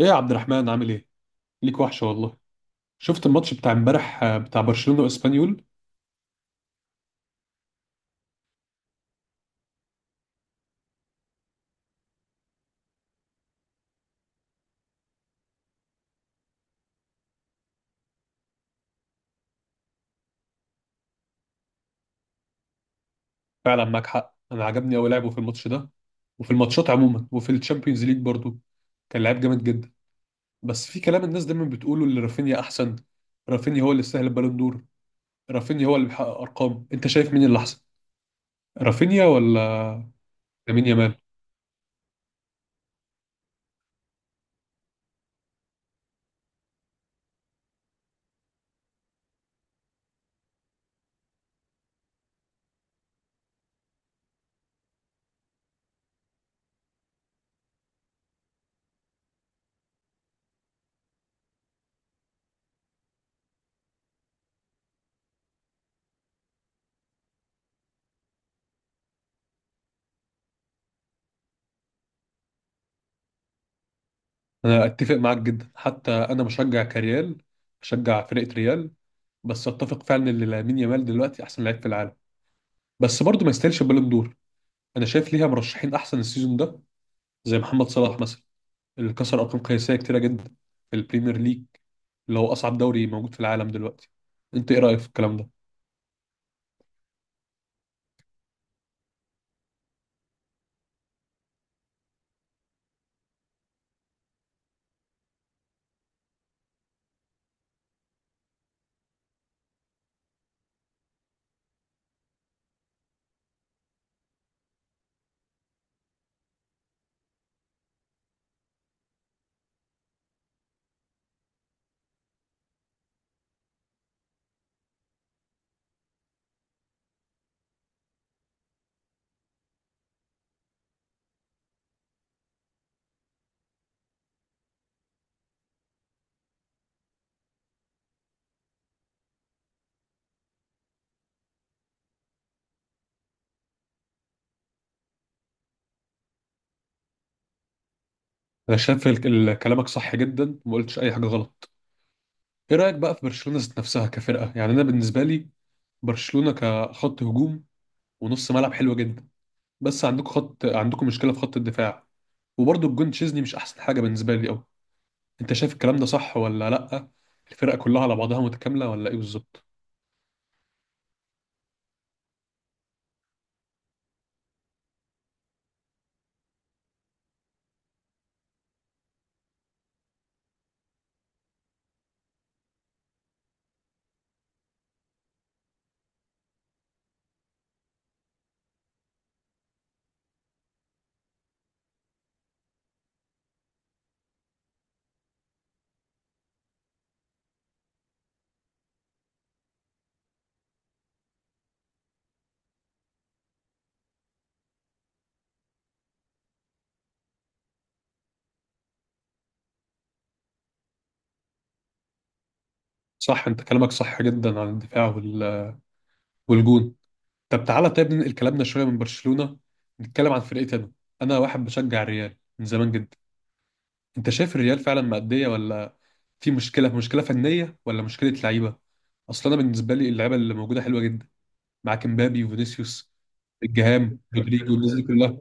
ايه يا عبد الرحمن عامل ايه؟ ليك وحشة والله. شفت الماتش بتاع امبارح بتاع برشلونة واسبانيول. فعلا معاك حق، انا عجبني قوي لعبه في الماتش ده وفي الماتشات عموما وفي الشامبيونز ليج برضو. كان لعيب جامد جدا، بس في كلام الناس دايما بتقوله ان رافينيا احسن. رافينيا هو اللي يستاهل البالون دور، رافينيا هو اللي بيحقق ارقام. انت شايف مين اللي احسن، رافينيا ولا لامين يامال؟ انا اتفق معاك جدا، حتى انا مشجع كريال، بشجع فرقة ريال، بس اتفق فعلا ان لامين يامال دلوقتي احسن لعيب في العالم، بس برضه ما يستاهلش البالون دور. انا شايف ليها مرشحين احسن السيزون ده، زي محمد صلاح مثلا، اللي كسر ارقام قياسيه كتيره جدا في البريمير ليج، اللي هو اصعب دوري موجود في العالم دلوقتي. انت ايه رايك في الكلام ده؟ انا شايف كلامك صح جدا، وما قلتش اي حاجه غلط. ايه رايك بقى في برشلونه ذات نفسها كفرقه؟ يعني انا بالنسبه لي برشلونه كخط هجوم ونص ملعب حلو جدا، بس عندكم خط، عندكم مشكله في خط الدفاع، وبرضه الجون تشيزني مش احسن حاجه بالنسبه لي قوي. انت شايف الكلام ده صح ولا لا؟ الفرقه كلها على بعضها متكامله ولا ايه بالظبط؟ صح، انت كلامك صح جدا عن الدفاع والجون. طب تعالى طيب ننقل كلامنا شويه من برشلونه، نتكلم عن فرقتي انا. انا واحد بشجع الريال من زمان جدا. انت شايف الريال فعلا مأديه ولا في مشكله، مشكله فنيه ولا مشكله لعيبه؟ اصلا انا بالنسبه لي اللعيبه اللي موجوده حلوه جدا، معاك امبابي وفينيسيوس الجهام رودريجو الناس دي كلها.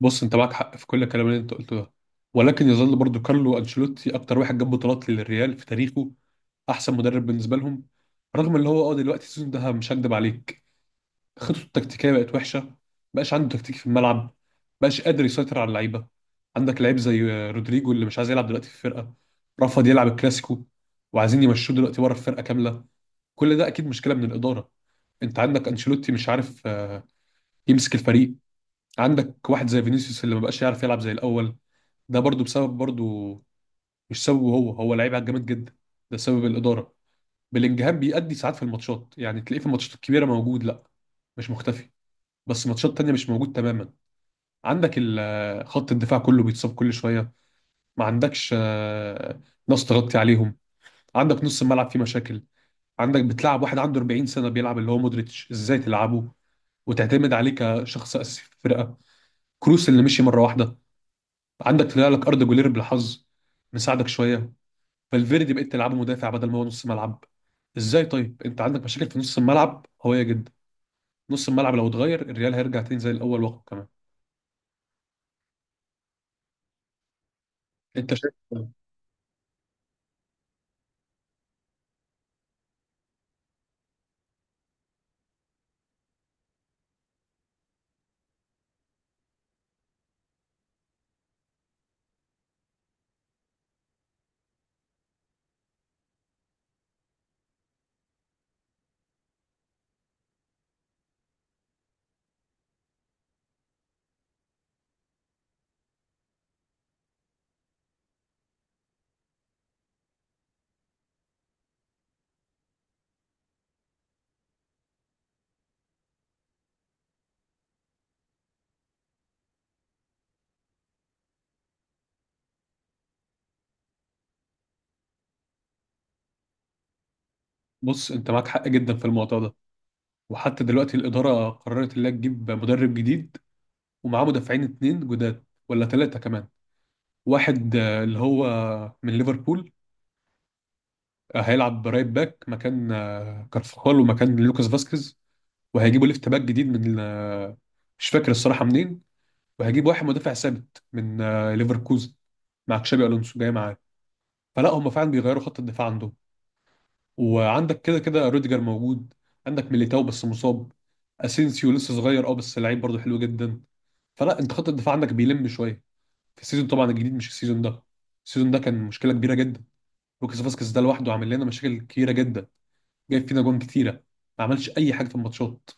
بص، انت معاك حق في كل الكلام اللي انت قلته ده، ولكن يظل برضو كارلو انشيلوتي اكتر واحد جاب بطولات للريال في تاريخه، احسن مدرب بالنسبه لهم، رغم اللي هو اه دلوقتي السيزون ده، مش هكدب عليك، خطته التكتيكيه بقت وحشه، مبقاش عنده تكتيك في الملعب، مبقاش قادر يسيطر على اللعيبه. عندك لعيب زي رودريجو اللي مش عايز يلعب دلوقتي في الفرقه، رفض يلعب الكلاسيكو، وعايزين يمشوه دلوقتي ورا الفرقه كامله. كل ده اكيد مشكله من الاداره. انت عندك انشيلوتي مش عارف يمسك الفريق. عندك واحد زي فينيسيوس اللي مبقاش يعرف يلعب زي الاول، ده برضو بسبب برضو، مش سببه هو، هو لعيب جامد جدا، ده سبب الاداره. بلينجهام بيأدي ساعات في الماتشات، يعني تلاقيه في الماتشات الكبيره موجود، لا مش مختفي، بس ماتشات تانية مش موجود تماما. عندك خط الدفاع كله بيتصاب كل شويه، ما عندكش ناس تغطي عليهم. عندك نص الملعب فيه مشاكل، عندك بتلعب واحد عنده 40 سنه بيلعب اللي هو مودريتش، ازاي تلعبه وتعتمد عليه كشخص اساسي في الفرقه؟ كروس اللي مشي مره واحده، عندك طلع لك اردا جولير بالحظ مساعدك شويه، فالفيردي بقيت تلعبه مدافع بدل ما هو نص ملعب. ازاي طيب؟ انت عندك مشاكل في نص الملعب قويه جدا. نص الملعب لو اتغير الريال هيرجع تاني زي الاول وقت كمان. انت شايف إيه؟ بص، انت معاك حق جدا في الموضوع ده، وحتى دلوقتي الاداره قررت انها تجيب مدرب جديد، ومعاه مدافعين اتنين جداد ولا ثلاثه كمان. واحد اللي هو من ليفربول، هيلعب رايت باك مكان كارفخال ومكان لوكاس فاسكيز. وهيجيبوا ليفت باك جديد من مش فاكر الصراحه منين. وهيجيب واحد مدافع ثابت من ليفركوزن مع تشابي الونسو جاي معاه. فلا هم فعلا بيغيروا خط الدفاع عندهم. وعندك كده كده روديجر موجود، عندك ميليتاو بس مصاب، اسينسيو لسه صغير اه بس لعيب برضه حلو جدا. فلا انت خط الدفاع عندك بيلم شويه في السيزون طبعا الجديد، مش السيزون ده. السيزون ده كان مشكله كبيره جدا. لوكاس فاسكيز ده لوحده عامل لنا مشاكل كبيره جدا، جايب فينا جون كتيره، ما عملش اي حاجه في الماتشات.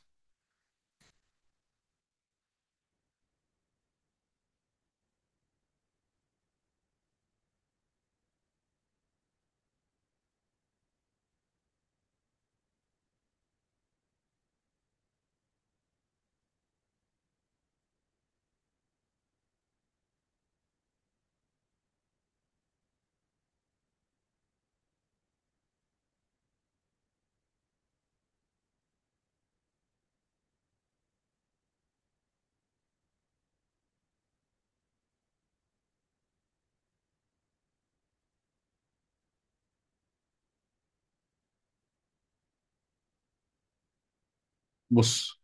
بص،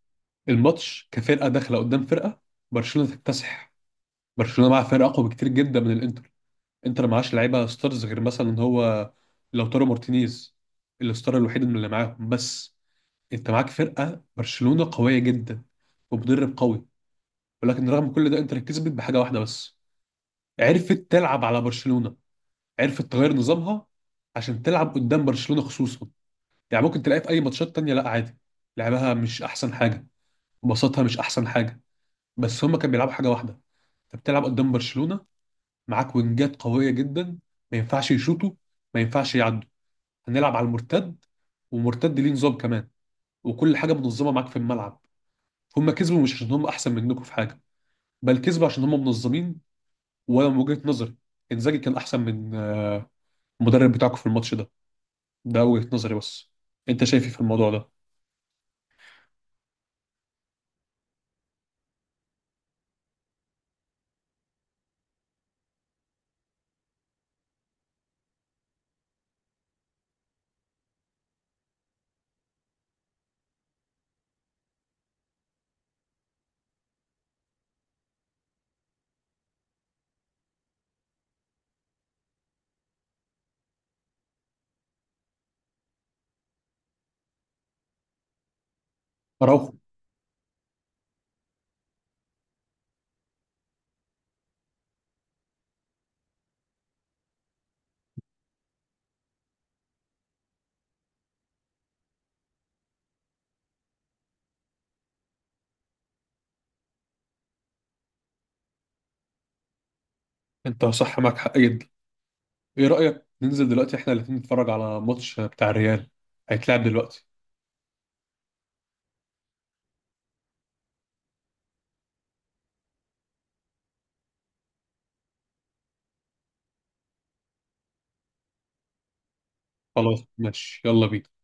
الماتش كفرقه داخله قدام فرقه، برشلونه تكتسح. برشلونه معاها فرقه اقوى بكتير جدا من الانتر. انتر معاش لعيبه ستارز، غير مثلا ان هو لوتارو مارتينيز الستار الوحيد من اللي معاهم بس. انت معاك فرقه برشلونه قويه جدا ومدرب قوي، ولكن رغم كل ده انتر كسبت بحاجه واحده بس، عرفت تلعب على برشلونه، عرفت تغير نظامها عشان تلعب قدام برشلونه خصوصا. يعني ممكن تلاقيها في اي ماتشات تانية لا عادي، لعبها مش احسن حاجه وبساطها مش احسن حاجه، بس هما كانوا بيلعبوا حاجه واحده. انت بتلعب قدام برشلونه معاك وينجات قويه جدا، ما ينفعش يشوطوا، ما ينفعش يعدوا، هنلعب على المرتد، ومرتد ليه نظام كمان، وكل حاجه منظمه معاك في الملعب. هم كسبوا مش عشان هم احسن منكم في حاجه، بل كسبوا عشان هم منظمين. وانا من وجهه نظري انزاجي كان احسن من المدرب بتاعكم في الماتش ده. ده وجهه نظري بس، انت شايف ايه في الموضوع ده؟ اراوخو. انت صح، معاك حق جدا. ايه رايك ننزل دلوقتي احنا الاثنين نتفرج على ماتش بتاع الريال هيتلعب دلوقتي؟ خلاص ماشي، يلا بينا.